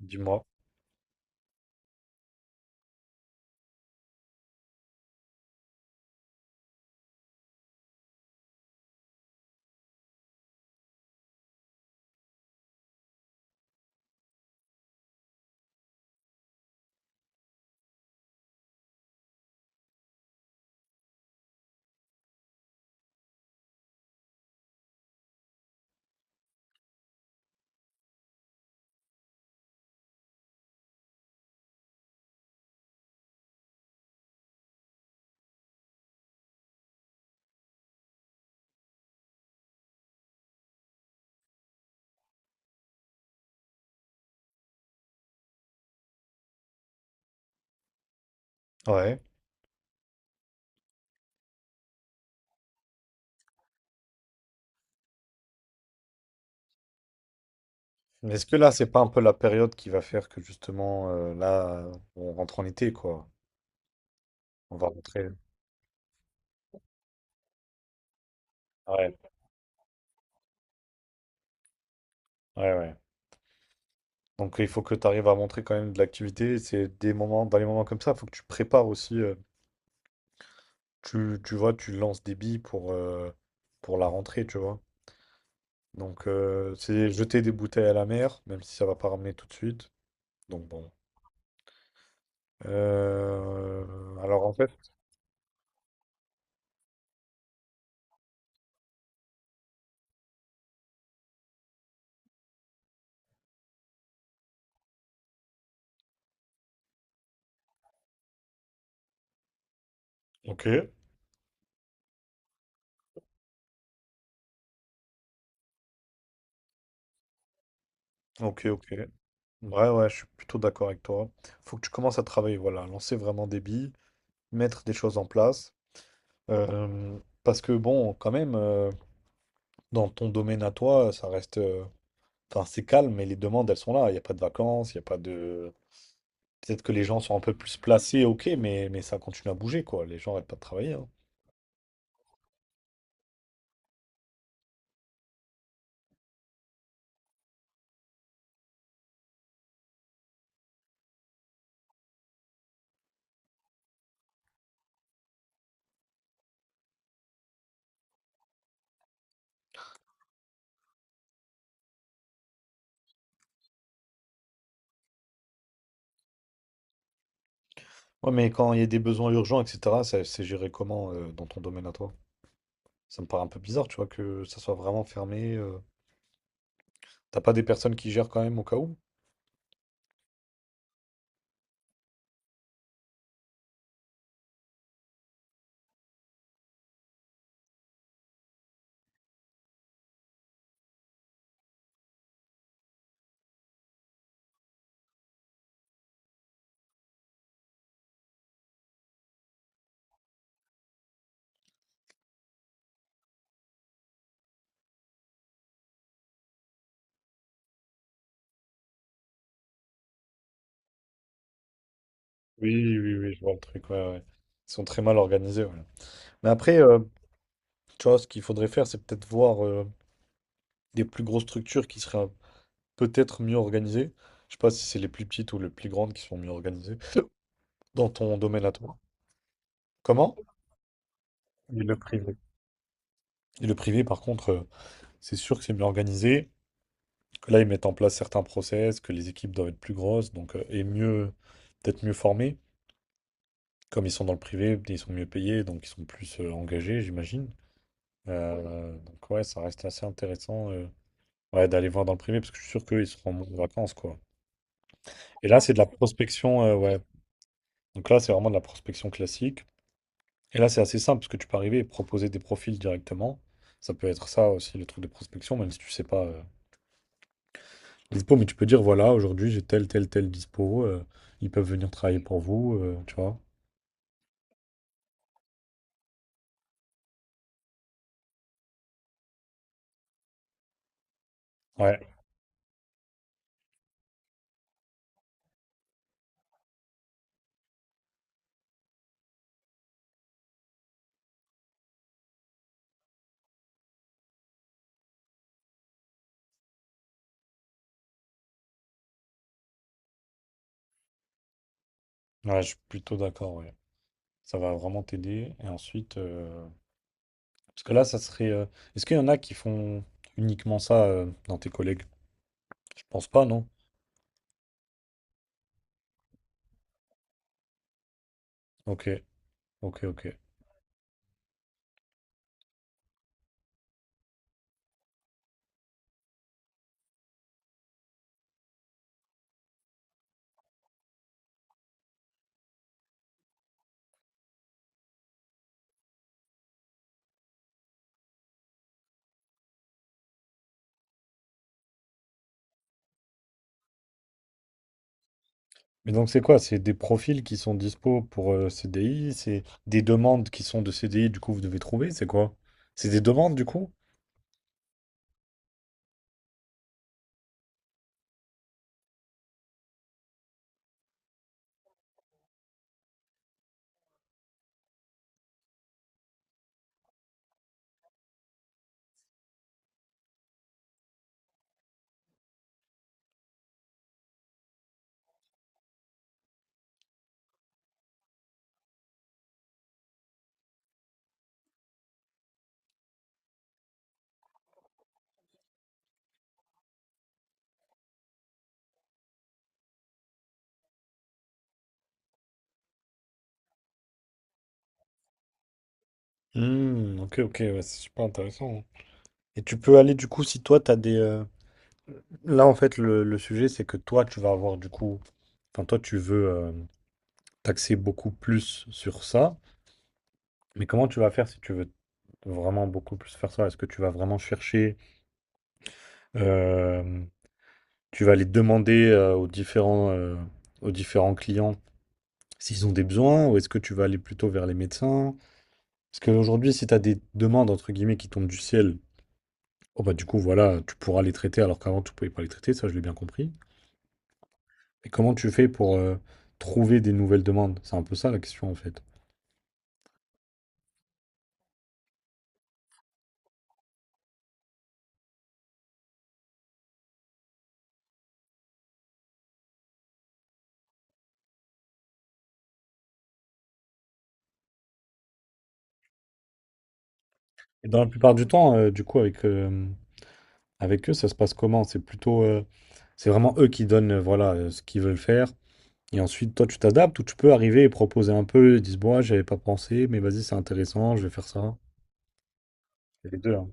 Dis-moi. Ouais. Mais est-ce que là, c'est pas un peu la période qui va faire que justement, là, on rentre en été, quoi. On va rentrer. Ouais, ouais, ouais. Donc il faut que tu arrives à montrer quand même de l'activité. C'est des moments, dans les moments comme ça, il faut que tu prépares aussi, tu vois, tu lances des billes pour la rentrée, tu vois. Donc c'est jeter des bouteilles à la mer, même si ça va pas ramener tout de suite. Donc bon. Euh, alors en fait. Ok, ok, ok. Ouais, ouais, je suis plutôt d'accord avec toi. Faut que tu commences à travailler, voilà, lancer vraiment des billes, mettre des choses en place. Euh, Parce que bon, quand même, dans ton domaine à toi, ça reste. Enfin, c'est calme, mais les demandes, elles sont là. Il n'y a pas de vacances, il n'y a pas de. Peut-être que les gens sont un peu plus placés, ok, mais ça continue à bouger, quoi. Les gens n'arrêtent pas de travailler, hein. Ouais, mais quand il y a des besoins urgents, etc., c'est géré comment, dans ton domaine à toi? Ça me paraît un peu bizarre, tu vois, que ça soit vraiment fermé. T'as pas des personnes qui gèrent quand même au cas où? Oui, oui, oui, je vois le truc, ouais, ouais. Ils sont très mal organisés, ouais. Mais après, tu vois, ce qu'il faudrait faire, c'est peut-être voir des plus grosses structures qui seraient peut-être mieux organisées. Je sais pas si c'est les plus petites ou les plus grandes qui sont mieux organisées dans ton domaine à toi. Comment? Et le privé. Et le privé, par contre, c'est sûr que c'est mieux organisé, que là, ils mettent en place certains process, que les équipes doivent être plus grosses, donc, et mieux, peut-être mieux formées. Comme ils sont dans le privé, ils sont mieux payés, donc ils sont plus engagés, j'imagine. Donc, ouais, ça reste assez intéressant, ouais, d'aller voir dans le privé, parce que je suis sûr qu'ils seront en vacances, quoi. Et là, c'est de la prospection, ouais. Donc là, c'est vraiment de la prospection classique. Et là, c'est assez simple parce que tu peux arriver et proposer des profils directement. Ça peut être ça aussi, le truc de prospection, même si tu sais pas, les dispo, mais tu peux dire voilà, aujourd'hui j'ai tel, tel, tel dispo, ils peuvent venir travailler pour vous, tu vois. Ouais, ouais, je suis plutôt d'accord, ouais. Ça va vraiment t'aider. Et ensuite, parce que là, ça serait. Est-ce qu'il y en a qui font uniquement ça, dans tes collègues? Je pense pas, non? Ok, ok, ok. Mais donc c'est quoi? C'est des profils qui sont dispo pour, CDI, c'est des demandes qui sont de CDI, du coup vous devez trouver, c'est quoi? C'est des demandes du coup? Hmm, ok, ok, ouais, c'est super intéressant. Et tu peux aller du coup si toi t'as des... Là en fait le sujet c'est que toi tu vas avoir du coup... Enfin toi tu veux t'axer beaucoup plus sur ça, mais comment tu vas faire si tu veux vraiment beaucoup plus faire ça? Est-ce que tu vas vraiment chercher... euh, tu vas aller demander, aux différents clients s'ils ont des besoins, ou est-ce que tu vas aller plutôt vers les médecins? Parce qu'aujourd'hui, si tu as des demandes, entre guillemets, qui tombent du ciel, oh bah du coup, voilà, tu pourras les traiter alors qu'avant, tu ne pouvais pas les traiter, ça, je l'ai bien compris. Et comment tu fais pour trouver des nouvelles demandes? C'est un peu ça la question, en fait. Et dans la plupart du temps, du coup, avec, avec eux, ça se passe comment? C'est plutôt, c'est vraiment eux qui donnent, voilà, ce qu'ils veulent faire. Et ensuite, toi, tu t'adaptes ou tu peux arriver et proposer un peu. Ils disent, bon, ouais, j'avais pas pensé, mais vas-y, c'est intéressant, je vais faire ça. C'est les deux, hein.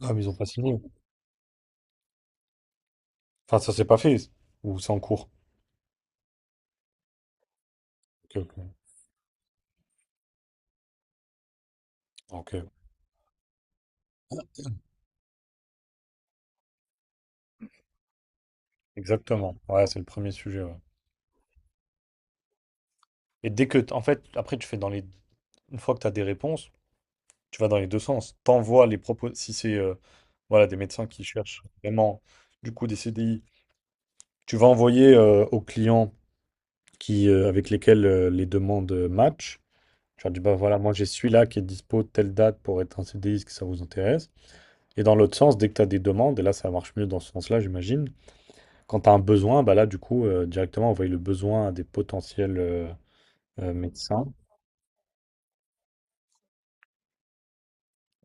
Ah, mais ils ont pas signé. Enfin, ça s'est pas fait. Ou c'est en cours. Ok, ok. Ok. Exactement. Ouais, c'est le premier sujet, ouais. Et dès que, en fait, après, tu fais dans les. Une fois que tu as des réponses, tu vas dans les deux sens. T'envoies les propos. Si c'est, voilà, des médecins qui cherchent vraiment, du coup, des CDI, tu vas envoyer, aux clients qui, avec lesquels, les demandes, matchent. Je leur dis, bah voilà, moi j'ai celui-là qui est dispo telle date pour être en CDI, est-ce que ça vous intéresse? Et dans l'autre sens, dès que tu as des demandes, et là ça marche mieux dans ce sens-là, j'imagine, quand tu as un besoin, bah là du coup, directement envoyer le besoin à des potentiels, médecins.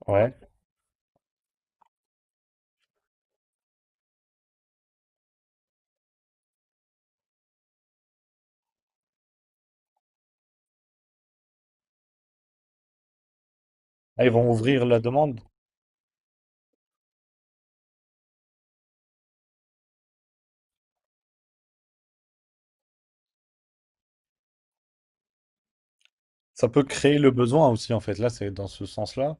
Ouais. Ah, ils vont ouvrir la demande. Ça peut créer le besoin aussi, en fait. Là, c'est dans ce sens-là.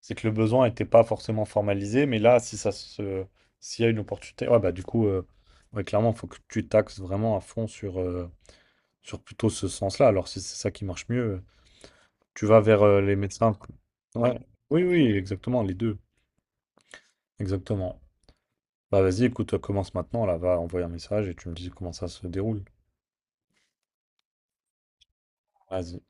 C'est que le besoin n'était pas forcément formalisé, mais là, si ça se... s'il y a une opportunité, ouais, bah du coup, ouais, clairement, il faut que tu taxes vraiment à fond sur. Sur plutôt ce sens-là. Alors, si c'est ça qui marche mieux, tu vas vers, les médecins. Ouais. Oui, oui, exactement, les deux. Exactement. Bah, vas-y, écoute, commence maintenant, là, va envoyer un message et tu me dis comment ça se déroule. Vas-y.